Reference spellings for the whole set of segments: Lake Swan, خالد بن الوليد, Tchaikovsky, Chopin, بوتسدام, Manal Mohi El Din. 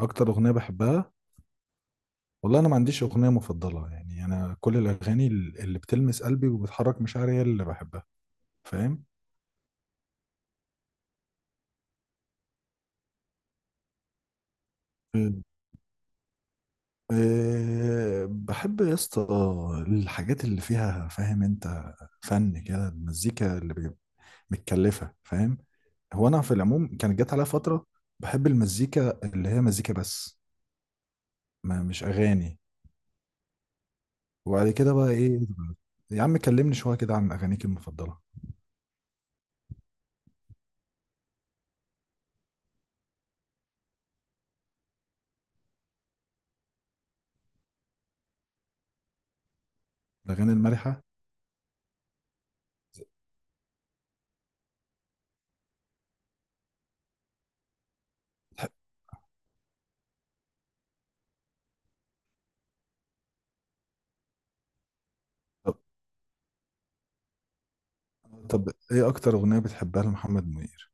اكتر اغنيه بحبها. والله انا ما عنديش اغنيه مفضله، يعني انا كل الاغاني اللي بتلمس قلبي وبتحرك مشاعري هي اللي بحبها. فاهم؟ أمم. أه بحب يا اسطى، الحاجات اللي فيها، فاهم انت، فن كده، المزيكا اللي متكلفه، فاهم. هو انا في العموم كانت جت عليا فتره بحب المزيكا اللي هي مزيكا بس، ما مش اغاني. وبعد كده بقى ايه، يا عم كلمني شويه كده عن اغانيك المفضله. الاغاني المرحه. طب ايه اكتر اغنيه بتحبها لمحمد منير؟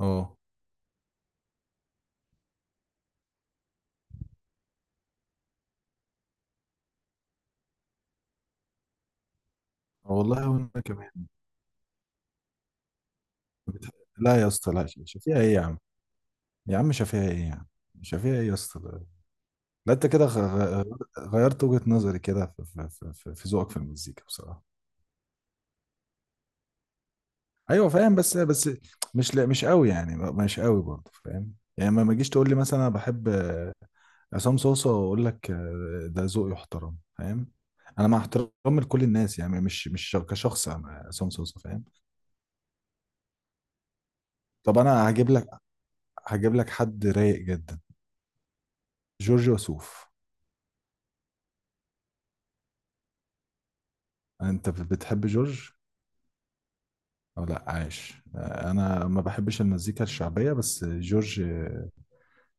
اه. آه والله وانا كمان. بتح... لا يا اسطى لا، شفيع ايه يا عم؟ يا عم شفيع ايه يا عم؟ شفيع ايه يا اسطى ده؟ لا انت كده غيرت وجهه نظري كده في ذوقك في المزيكا بصراحه. ايوه فاهم. بس مش، لا مش قوي يعني، مش قوي برضه، فاهم يعني. ما تجيش تقول لي مثلا انا بحب عصام صوصه واقول لك ده ذوقي يحترم، فاهم. انا مع احترامي لكل الناس يعني، مش كشخص أنا عصام صوصه، فاهم. طب انا هجيب لك حد رايق جدا. جورج وسوف. انت بتحب جورج او لا؟ عاش. انا ما بحبش المزيكا الشعبيه بس جورج،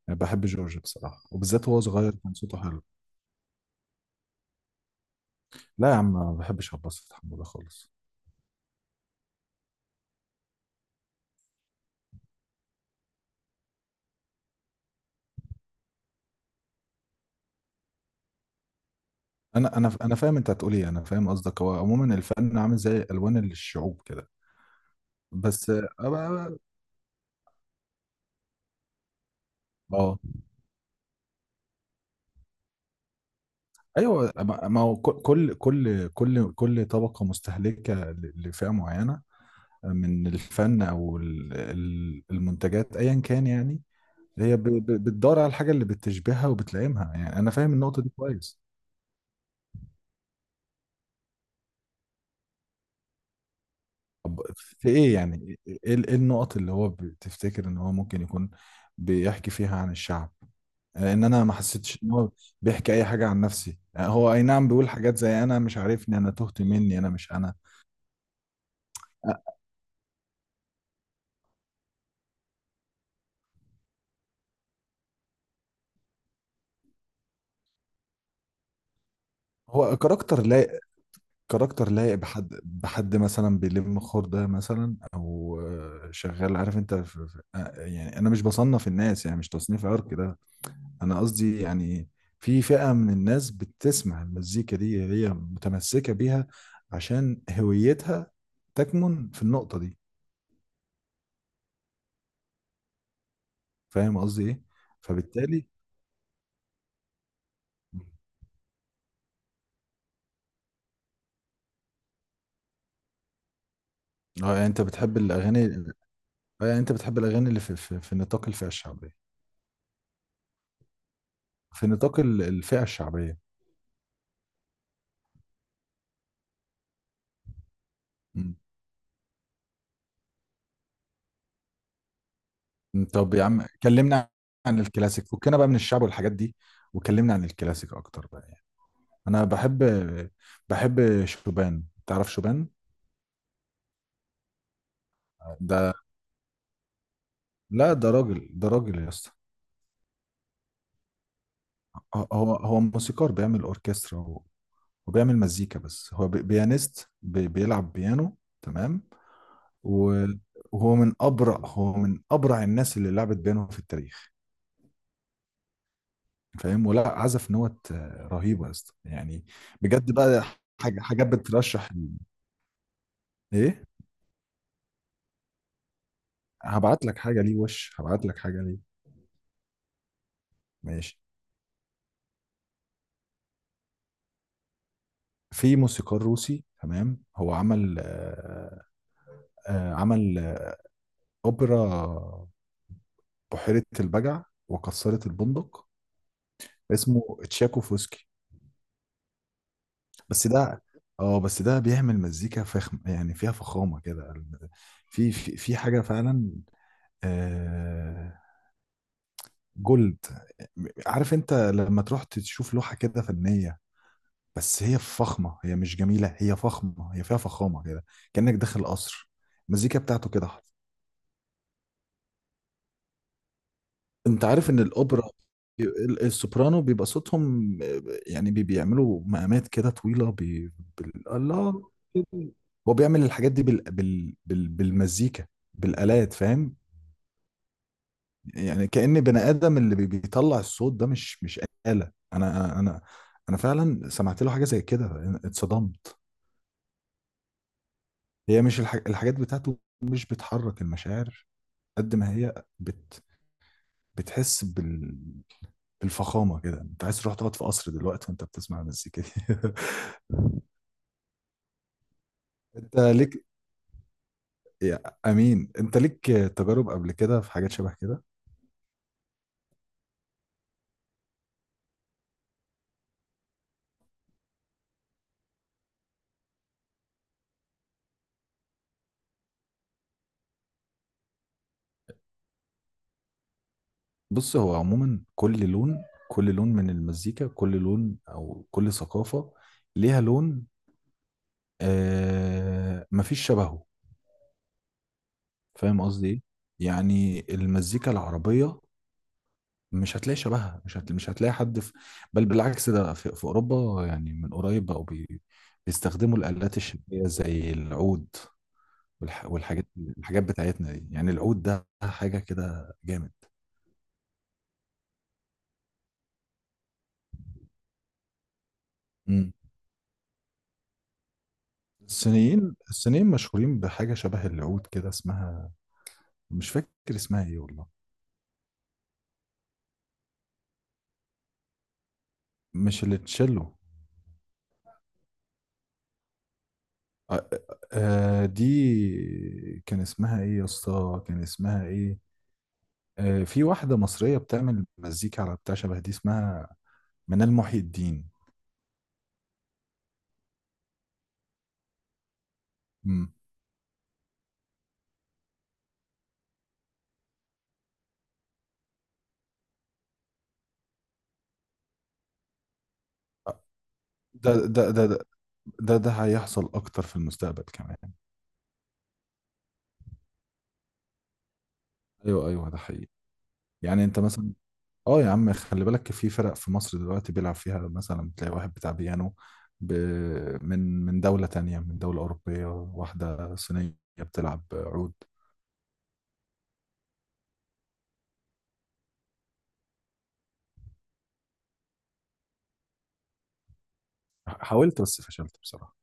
بحب جورج بصراحه، وبالذات وهو صغير كان صوته حلو. لا يا عم، ما بحبش عباس حموده خالص. انا فاهم انت هتقول ايه، انا فاهم قصدك، هو عموما الفن عامل زي الوان الشعوب كده، بس اه. آه. ايوه، ما هو كل، كل طبقه مستهلكه لفئه معينه من الفن او المنتجات ايا كان، يعني هي بتدور على الحاجه اللي بتشبهها وبتلائمها، يعني انا فاهم النقطه دي كويس. طب في ايه يعني، إيه النقط اللي هو بتفتكر ان هو ممكن يكون بيحكي فيها عن الشعب؟ ان انا ما حسيتش ان هو بيحكي اي حاجه عن نفسي. هو اي نعم بيقول حاجات زي انا مش عارفني، انا تهت مني، انا مش انا. هو كاركتر، لا، كاركتر لايق بحد، بحد مثلا بيلم خردة مثلا، او شغال، عارف انت، في يعني انا مش بصنف الناس، يعني مش تصنيف عرق ده. انا قصدي يعني في فئة من الناس بتسمع المزيكا دي هي متمسكة بيها، عشان هويتها تكمن في النقطة دي. فاهم قصدي ايه؟ فبالتالي. اه يعني انت بتحب الاغاني اه يعني انت بتحب الاغاني اللي في في نطاق الفئة الشعبية. في نطاق الفئة الشعبية. طب يا عم، كلمنا عن الكلاسيك، فكنا بقى من الشعب والحاجات دي، وكلمنا عن الكلاسيك اكتر بقى يعني. انا بحب شوبان. تعرف شوبان؟ ده. لا ده راجل، ده راجل يا اسطى. هو موسيقار، بيعمل اوركسترا وبيعمل مزيكا، بس هو بيانست، بيلعب بيانو، تمام. و- وهو من ابرع هو من ابرع الناس اللي لعبت بيانو في التاريخ. فاهم؟ ولا عزف نوت رهيبه يا اسطى يعني. بجد بقى، حاجات بترشح ايه. هبعت لك حاجه ليه. ماشي. في موسيقار روسي، تمام، هو عمل عمل اوبرا، بحيره البجع وكسرت البندق. اسمه تشاكوفسكي. بس ده اه بس ده بيعمل مزيكا فخم، يعني فيها فخامه كده. في حاجه فعلا آه جولد. عارف انت لما تروح تشوف لوحه كده فنيه، بس هي فخمة، هي مش جميلة، هي فخمة، هي فيها فخامة كده، كأنك داخل قصر. المزيكا بتاعته كده، حط. انت عارف ان الاوبرا السوبرانو بيبقى صوتهم، يعني بيعملوا مقامات كده طويلة، الله كده. هو بيعمل الحاجات دي بالمزيكا، بالآلات، فاهم. يعني كأن بني آدم اللي بيطلع الصوت ده مش، آلة. انا انا انا أنا فعلا سمعت له حاجة زي كده، اتصدمت. هي مش الحاجات بتاعته مش بتحرك المشاعر قد ما هي بتحس بالفخامة كده. انت عايز تروح تقعد في قصر دلوقتي وانت بتسمع المزيكا دي. انت ليك يا امين، انت ليك تجارب قبل كده في حاجات شبه كده؟ بص هو عموما كل لون من المزيكا، كل لون او كل ثقافة ليها لون. مفيش شبهه. فاهم قصدي ايه. يعني المزيكا العربية مش هتلاقي شبهها، مش هتلاقي حد في. بل بالعكس، ده في أوروبا يعني من قريب بقوا بيستخدموا الآلات الشبية زي العود. والح... والحاجات الحاجات بتاعتنا دي، يعني العود ده حاجة كده جامد. مم. الصينيين مشهورين بحاجة شبه العود كده اسمها، مش فاكر اسمها ايه والله، مش اللي تشيلو. آه دي كان اسمها ايه يا اسطى؟ كان اسمها ايه؟ في واحدة مصرية بتعمل مزيكا على بتاع شبه دي اسمها منال محي الدين. مم. ده ده ده ده ده هيحصل اكتر في المستقبل كمان. ايوه، ايوه، ده حقيقي. يعني انت مثلا، اه يا عم خلي بالك، في فرق في مصر دلوقتي بيلعب فيها، مثلا تلاقي واحد بتاع بيانو ب... من، من دولة تانية، من دولة أوروبية، واحدة صينية بتلعب عود. حاولت بس فشلت بصراحة.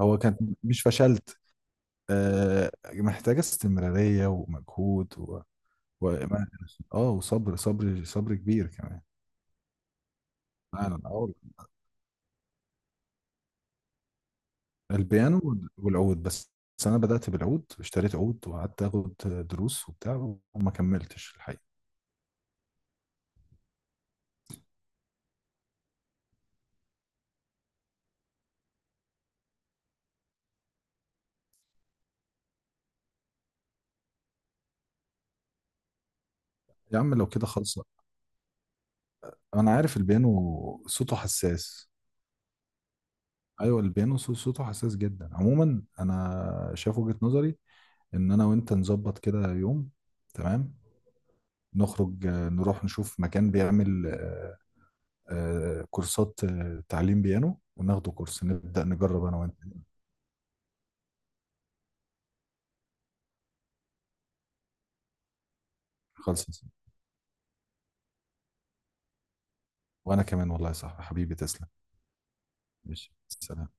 هو كان مش فشلت، محتاجة استمرارية ومجهود و... و... اه وصبر، صبر صبر كبير كمان. فعلا اه. البيانو والعود بس. بس انا بدأت بالعود، اشتريت عود وقعدت اخد دروس وبتاع، وما كملتش الحقيقة. يا عم لو كده خلصة. انا عارف البيانو صوته حساس. ايوه البيانو صوته حساس جدا. عموما انا شايف وجهة نظري ان انا وانت نظبط كده يوم، تمام، نخرج، نروح نشوف مكان بيعمل كورسات تعليم بيانو، وناخده كورس، نبدأ نجرب انا وانت. خلص. وانا كمان والله يا صاحبي حبيبي، تسلم. ماشي، سلام.